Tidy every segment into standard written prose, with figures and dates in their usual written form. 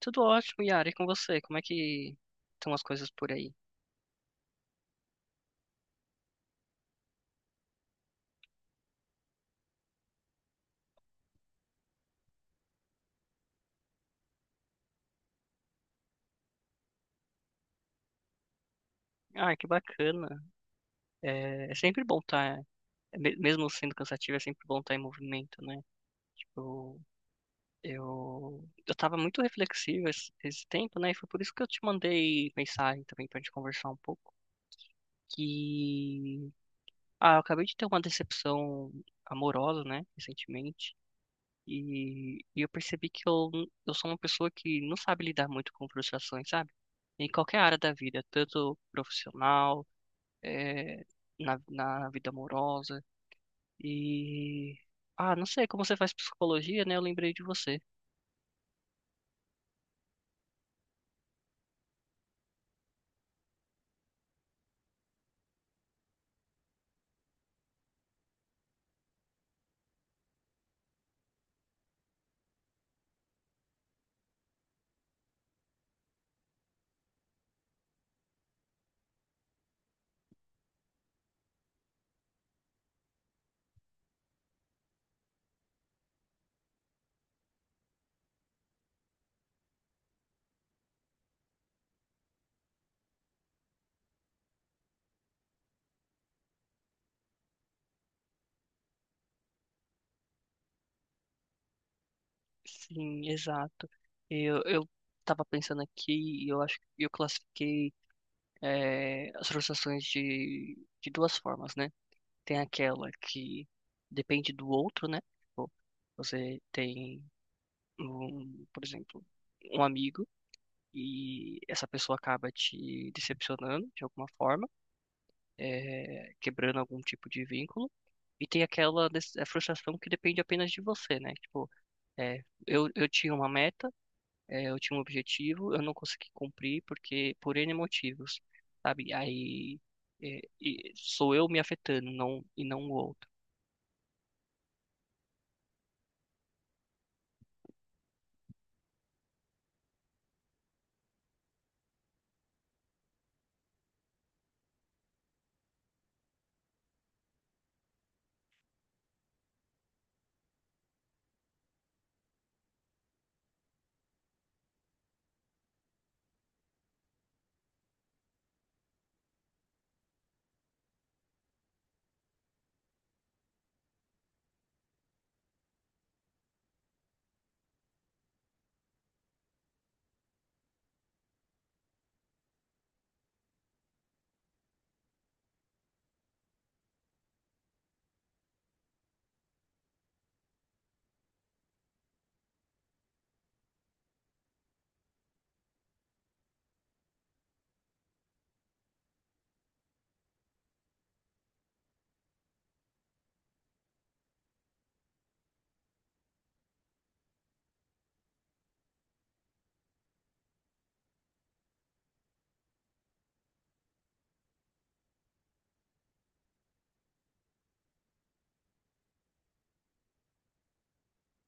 Tudo ótimo, Yara, e com você? Como é que estão as coisas por aí? Ah, que bacana. É sempre bom estar, mesmo sendo cansativo, é sempre bom estar em movimento, né? Tipo, eu tava muito reflexivo esse tempo, né? E foi por isso que eu te mandei mensagem também pra gente conversar um pouco. Que, ah, eu acabei de ter uma decepção amorosa, né? Recentemente. E eu percebi que eu sou uma pessoa que não sabe lidar muito com frustrações, sabe? Em qualquer área da vida, tanto profissional, eh, na vida amorosa. E. Ah, não sei, como você faz psicologia, né? Eu lembrei de você. Sim, exato. Eu tava pensando aqui e eu acho que eu classifiquei, as frustrações de duas formas, né? Tem aquela que depende do outro, né? Tipo, você tem um, por exemplo, um amigo e essa pessoa acaba te decepcionando de alguma forma, é, quebrando algum tipo de vínculo. E tem a frustração que depende apenas de você, né? Tipo, é, eu tinha uma meta, é, eu tinha um objetivo, eu não consegui cumprir porque por N motivos, sabe? Aí é, e sou eu me afetando, não, e não o outro.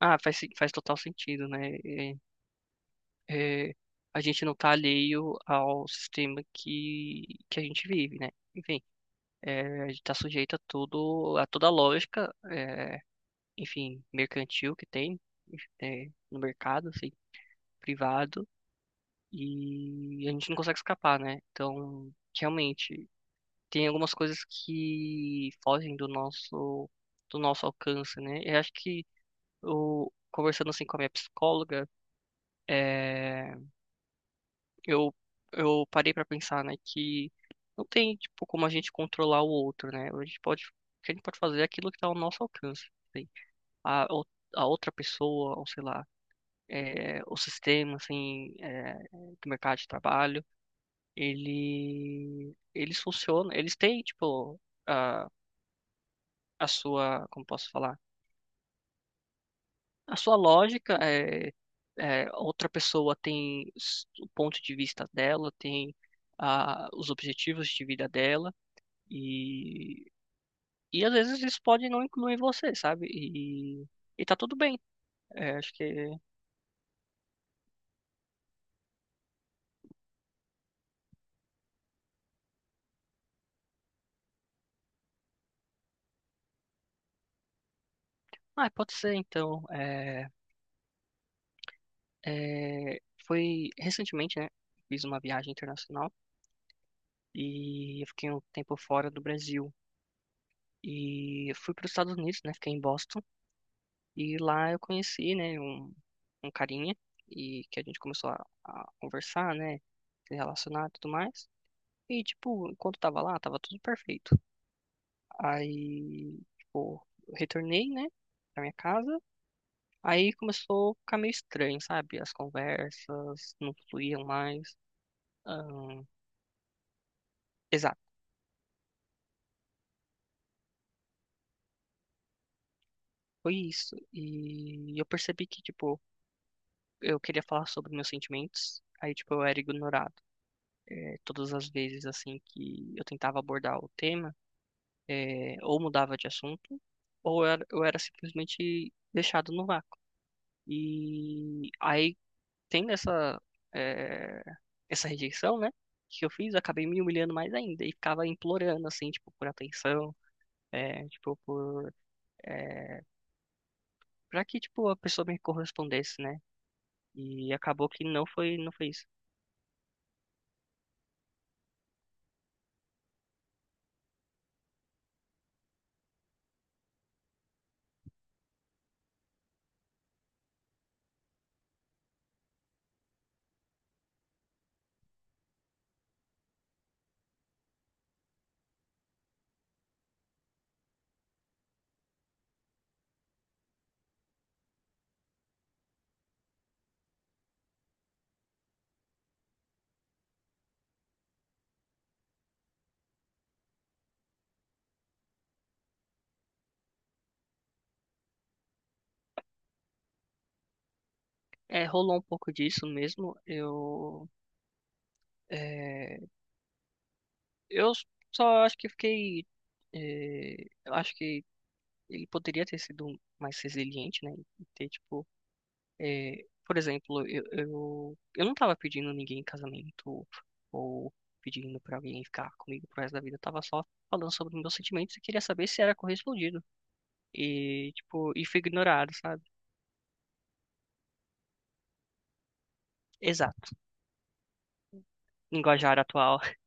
Ah, faz total sentido, né? É, é, a gente não está alheio ao sistema que a gente vive, né? Enfim, é, a gente está sujeito a tudo, a toda a lógica, é, enfim, mercantil que tem, é, no mercado, assim, privado, e a gente não consegue escapar, né? Então, realmente, tem algumas coisas que fogem do nosso alcance, né? Eu acho que o, conversando assim com a minha psicóloga, é, eu, eu parei pra pensar, né, que não tem, tipo, como a gente controlar o outro, né? A gente pode, o que a gente pode fazer é aquilo que tá ao nosso alcance, assim. A, ou- a outra pessoa, ou sei lá, é, o sistema, assim, é, do mercado de trabalho, ele, eles funcionam, eles têm, tipo, a, a sua, como posso falar? A sua lógica é, é, outra pessoa o ponto de vista dela, tem a, os objetivos de vida dela, E, e às vezes isso pode não incluir você, sabe? E tá tudo bem. É, acho que. Ah, pode ser então. É, é, foi recentemente, né? Fiz uma viagem internacional e eu fiquei um tempo fora do Brasil. E eu fui para os Estados Unidos, né? Fiquei em Boston. E lá eu conheci, né? Um carinha. E que a gente começou a conversar, né? Se relacionar e tudo mais. E, tipo, enquanto tava lá, tava tudo perfeito. Aí, tipo, retornei, né, pra minha casa. Aí começou a ficar meio estranho, sabe? As conversas não fluíam mais. Ahn, exato, foi isso. E eu percebi que, tipo, eu queria falar sobre meus sentimentos. Aí, tipo, eu era ignorado. É, todas as vezes, assim, que eu tentava abordar o tema, é, ou mudava de assunto, ou eu era simplesmente deixado no vácuo. E aí tendo eh, essa rejeição, né? Que eu fiz, eu acabei me humilhando mais ainda e ficava implorando, assim, tipo, por atenção, tipo, por, para que, tipo, a pessoa me correspondesse, né? E acabou que não foi isso. É, rolou um pouco disso mesmo. Eu, eh, eu só acho que fiquei, eh, eu acho que ele poderia ter sido mais resiliente, né? E ter, tipo, é, por exemplo, eu não tava pedindo ninguém em casamento ou pedindo pra alguém ficar comigo pro resto da vida. Eu tava só falando sobre meus sentimentos e queria saber se era correspondido. E, tipo, e fui ignorado, sabe? Exato. Linguajar atual.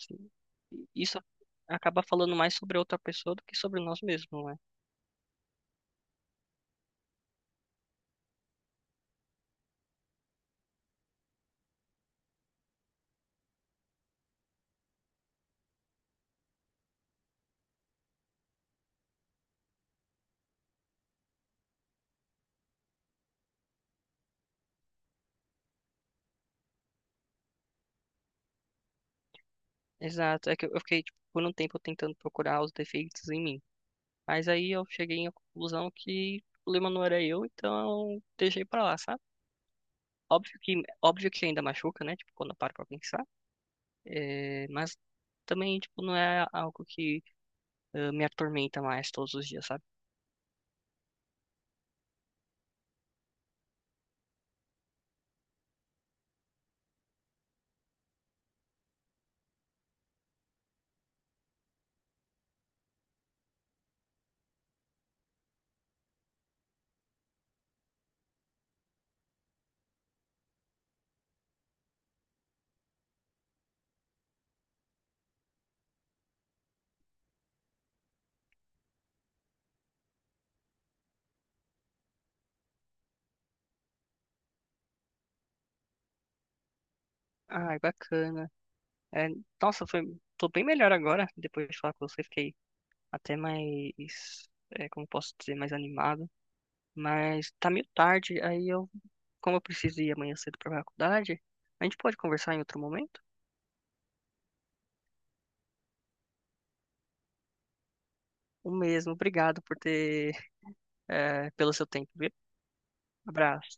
Assim, isso acaba falando mais sobre a outra pessoa do que sobre nós mesmos, não é? Exato. É que eu fiquei, tipo, por um tempo tentando procurar os defeitos em mim. Mas aí eu cheguei à conclusão que o problema não era eu, então deixei pra lá, sabe? Óbvio que ainda machuca, né? Tipo, quando eu paro pra pensar. É, mas também, tipo, não é algo que ah, me atormenta mais todos os dias, sabe? Ai, bacana. É, nossa, foi, tô bem melhor agora. Depois de falar com você, fiquei até mais, é, como posso dizer, mais animado. Mas tá meio tarde, aí eu, como eu preciso ir amanhã cedo pra faculdade, a gente pode conversar em outro momento? O mesmo, obrigado por ter, é, pelo seu tempo, viu? Abraço.